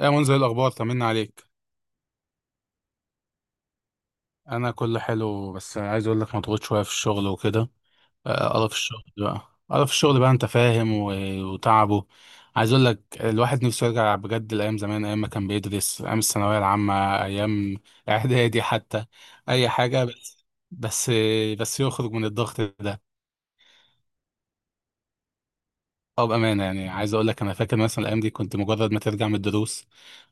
ايه منزل الاخبار؟ طمنا عليك. انا كله حلو، بس عايز اقول لك مضغوط شويه في الشغل وكده. قرف الشغل بقى، انت فاهم، و- وتعبه. عايز اقول لك الواحد نفسه يرجع بجد لايام زمان، ايام ما كان بيدرس، ايام الثانويه العامه، ايام اعدادي حتى، اي حاجه، بس بس يخرج من الضغط ده. او بامانه، يعني عايز اقول لك انا فاكر مثلا الايام دي كنت مجرد ما ترجع من الدروس.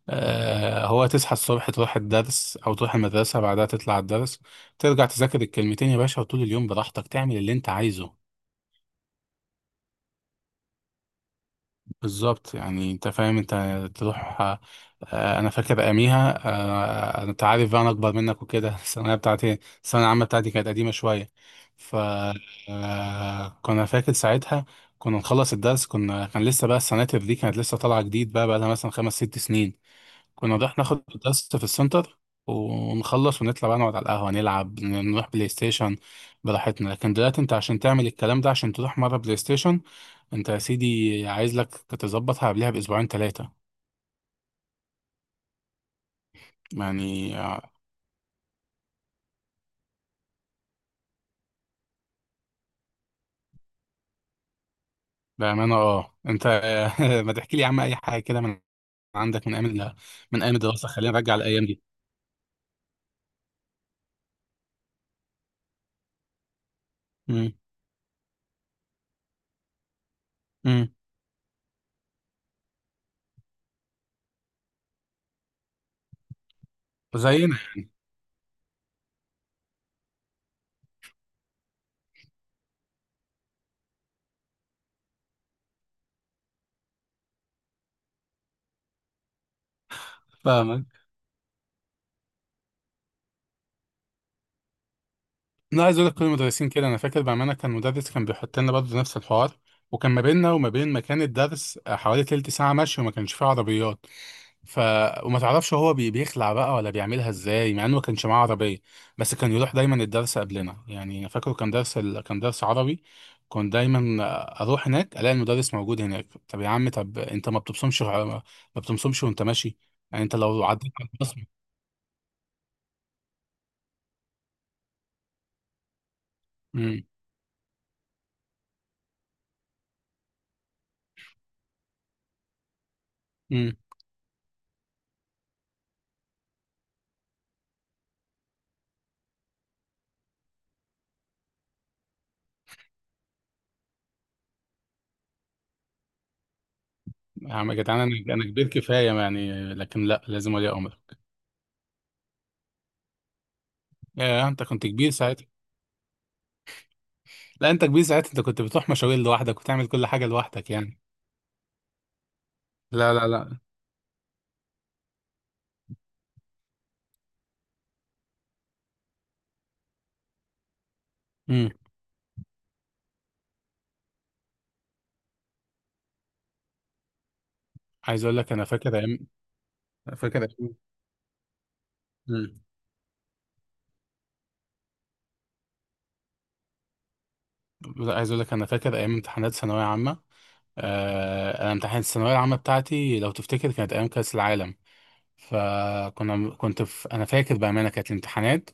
هو تصحى الصبح، تروح الدرس او تروح المدرسه، بعدها تطلع الدرس، ترجع تذاكر الكلمتين يا باشا، وطول اليوم براحتك تعمل اللي انت عايزه. بالظبط، يعني انت فاهم، انت تروح انا فاكر اياميها، انت عارف بقى انا اكبر منك وكده الثانويه بتاعتي، الثانويه العامه بتاعتي كانت قديمه شويه. ف كنا فاكر ساعتها، كنا نخلص الدرس، كنا كان لسه بقى، السناتر دي كانت لسه طالعه جديد، بقى لها مثلا خمس ست سنين. كنا رايح ناخد درس في السنتر، ونخلص ونطلع بقى، نقعد على القهوة، نلعب، نروح بلاي ستيشن براحتنا. لكن دلوقتي انت عشان تعمل الكلام ده، عشان تروح مرة بلاي ستيشن، انت يا سيدي عايز لك تظبطها قبلها بأسبوعين ثلاثة. يعني بأمانة اه، انت ما تحكي لي يا عم أي حاجة كده من عندك، من أيام الدراسة، خلينا نرجع الأيام دي. امم امم زينا. فاهمك. انا عايز اقول لك كل المدرسين كده. انا فاكر بامانه كان مدرس كان بيحط لنا برضه نفس الحوار، وكان ما بيننا وما بين مكان الدرس حوالي تلت ساعه مشي، وما كانش فيه عربيات. ف وما تعرفش هو بيخلع بقى ولا بيعملها ازاي، مع انه ما كانش معاه عربيه. بس كان يروح دايما الدرس قبلنا، يعني انا فاكره كان كان درس عربي. كنت دايما اروح هناك الاقي المدرس موجود هناك. طب يا عم، طب انت ما بتبصمش؟ ما بتبصمش وانت ماشي؟ يعني انت لو عديت على البصمه. يا عم يا جدعان، انا كبير كفايه يعني، لكن لا، لازم ولي امرك. يا انت كنت كبير ساعتها. لا، انت كبير ساعتها، انت كنت بتروح مشاوير لوحدك وتعمل كل حاجه لوحدك يعني. لا، لا، لا. امم. عايز اقول لك انا فاكر ايام. فاكر ايام امم. لا، عايز اقول لك انا فاكر ايام امتحانات ثانويه عامه. انا امتحانات الثانويه العامه بتاعتي، لو تفتكر، كانت ايام كاس العالم. فكنا كنت في انا فاكر بامانه كانت الامتحانات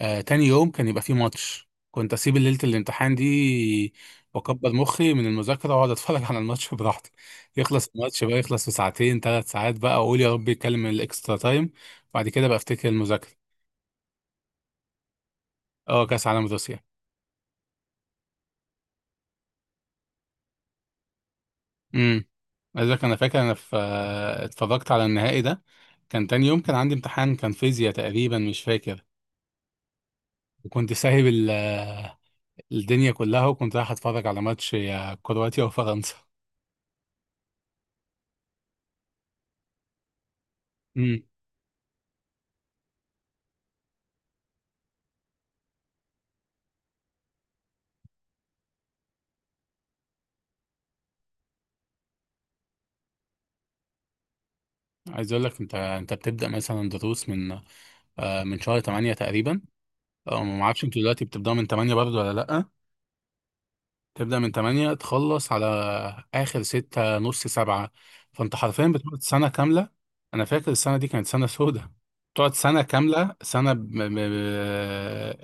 تاني يوم كان يبقى فيه ماتش، كنت اسيب ليله الامتحان دي واكبر مخي من المذاكره، واقعد اتفرج على الماتش براحتي. يخلص الماتش بقى، يخلص في ساعتين ثلاث ساعات، بقى اقول يا رب يتكلم الاكسترا تايم. بعد كده بقى افتكر المذاكره. اه، كاس عالم روسيا. امم. لذلك انا فاكر انا في اتفرجت على النهائي ده، كان تاني يوم كان عندي امتحان، كان فيزياء تقريبا، مش فاكر. وكنت سايب الدنيا كلها، وكنت رايح اتفرج على ماتش يا كرواتيا وفرنسا. امم. عايز اقول لك، انت بتبدا مثلا دروس من من شهر 8 تقريبا، أو ما اعرفش انتوا دلوقتي بتبداوا من 8 برضه ولا لا. تبدا من 8، تخلص على اخر ستة نص سبعة. فانت حرفيا بتقعد سنة كاملة. انا فاكر السنة دي كانت سنة سودة، تقعد سنة كاملة، سنة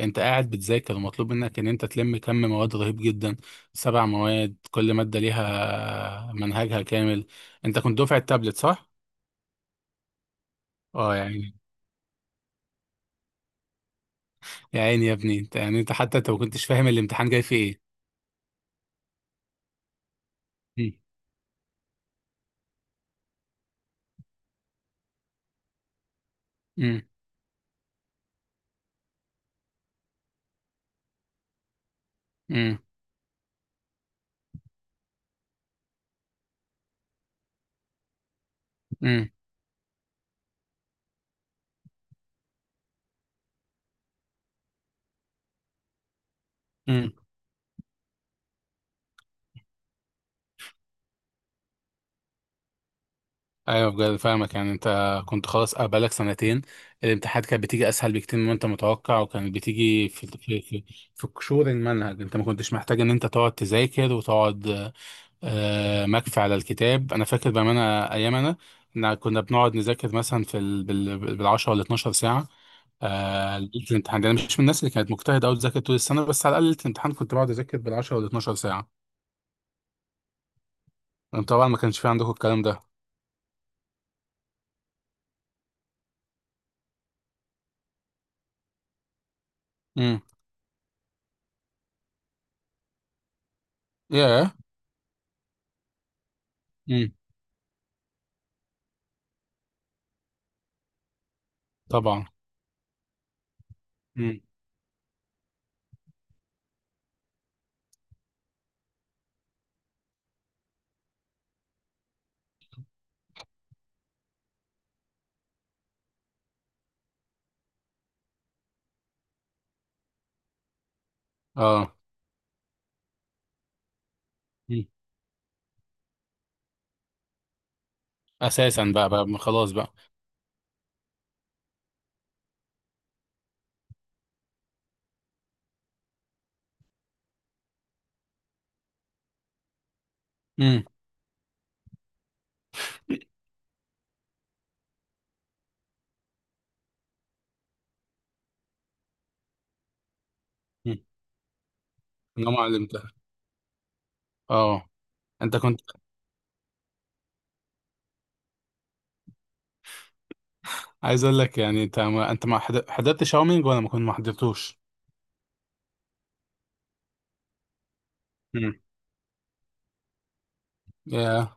انت قاعد بتذاكر، ومطلوب منك ان انت تلم كم مواد رهيب جدا. 7 مواد، كل مادة ليها منهجها كامل. انت كنت دفعة تابلت صح؟ اه يعني. يا عيني يا ابني، انت يعني انت حتى انت ما كنتش فاهم الامتحان جاي فيه ايه. مم. مم. مم. مم. ايوه، بجد فاهمك. يعني انت كنت خلاص، بقالك سنتين، الامتحانات كانت بتيجي اسهل بكتير مما انت متوقع، وكانت بتيجي في قشور المنهج. انت ما كنتش محتاج ان انت تقعد تذاكر وتقعد مكفي على الكتاب. انا فاكر بامانه ايام انا، إن كنا بنقعد نذاكر مثلا بال 10 ولا 12 ساعه ليله الامتحان ده. انا مش من الناس اللي كانت مجتهده قوي تذاكر طول السنه، بس على الاقل ليله الامتحان كنت بقعد اذاكر بال 10 ولا 12 ساعه. طبعا ما كانش في عندكم الكلام ده. امم. ياه. امم. طبعا. اه. مم. اساسا بقى، ما خلاص بقى. امم. انا ما علمتها. اه، انت كنت. عايز اقول لك، يعني انت ما حضرت شاومينج، ولا ما كنت ما حضرتوش؟ امم. يا.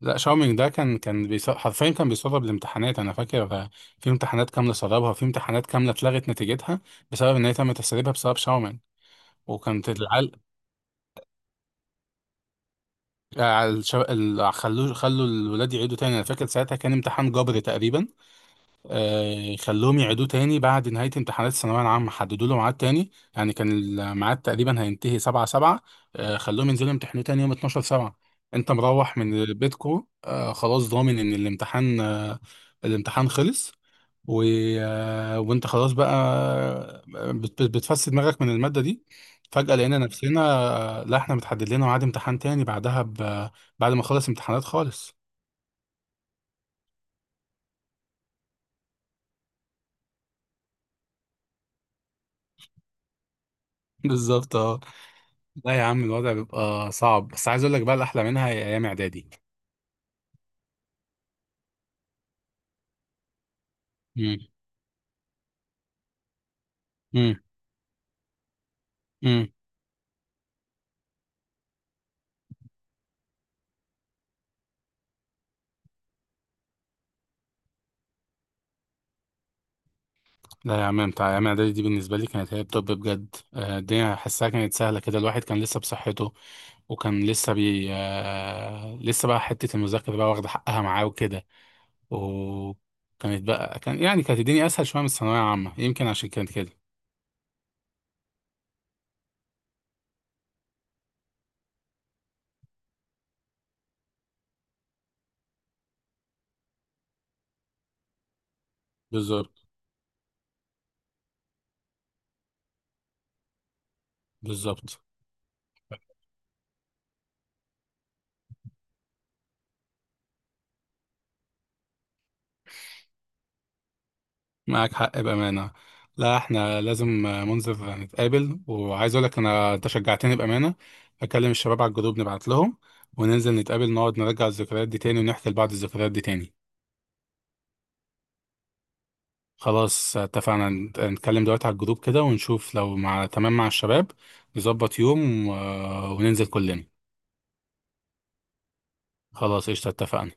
لا، شاومينج ده كان حرفيا كان بيسرب الامتحانات. انا فاكر في امتحانات كامله سربها، وفي امتحانات كامله اتلغت نتيجتها بسبب ان هي تم تسريبها بسبب شاومينج. وكانت العل... الشو... ال... خلوا الولاد يعيدوا تاني. انا فاكر ساعتها كان امتحان جبري تقريبا. خلوهم يعيدوه تاني بعد نهاية امتحانات الثانوية العامة، حددوا له ميعاد تاني. يعني كان الميعاد تقريبا هينتهي 7/7. خلوهم ينزلوا يمتحنوه تاني يوم 12/7. انت مروح من بيتكو خلاص ضامن ان الامتحان الامتحان خلص، و... وانت خلاص بقى بتفسد دماغك من المادة دي، فجأة لقينا نفسنا لا، احنا متحدد لنا ميعاد امتحان تاني بعدها بعد ما خلص امتحانات خالص. بالظبط اه. لا يا عم، الوضع بيبقى صعب، بس عايز اقول لك بقى، الاحلى منها هي ايام اعدادي. امم امم امم لا يا عم، بتاع ايام اعدادي دي بالنسبه لي كانت هي التوب بجد. الدنيا حاسها كانت سهله كده، الواحد كان لسه بصحته، وكان لسه بي آه، لسه بقى حته المذاكره بقى واخده حقها معاه وكده. وكانت بقى كان يعني كانت الدنيا اسهل شويه من الثانويه العامه، يمكن عشان كانت كده. بالظبط. بالظبط. معاك حق بأمانة. لا، احنا لازم منزل نتقابل. وعايز اقول لك انا، انت شجعتني بأمانة. اكلم الشباب على الجروب، نبعت لهم وننزل نتقابل، نقعد نرجع الذكريات دي تاني، ونحكي لبعض الذكريات دي تاني. خلاص، اتفقنا. نتكلم دلوقتي على الجروب كده، ونشوف لو مع تمام مع الشباب، نظبط يوم وننزل كلنا. خلاص، قشطة، اتفقنا.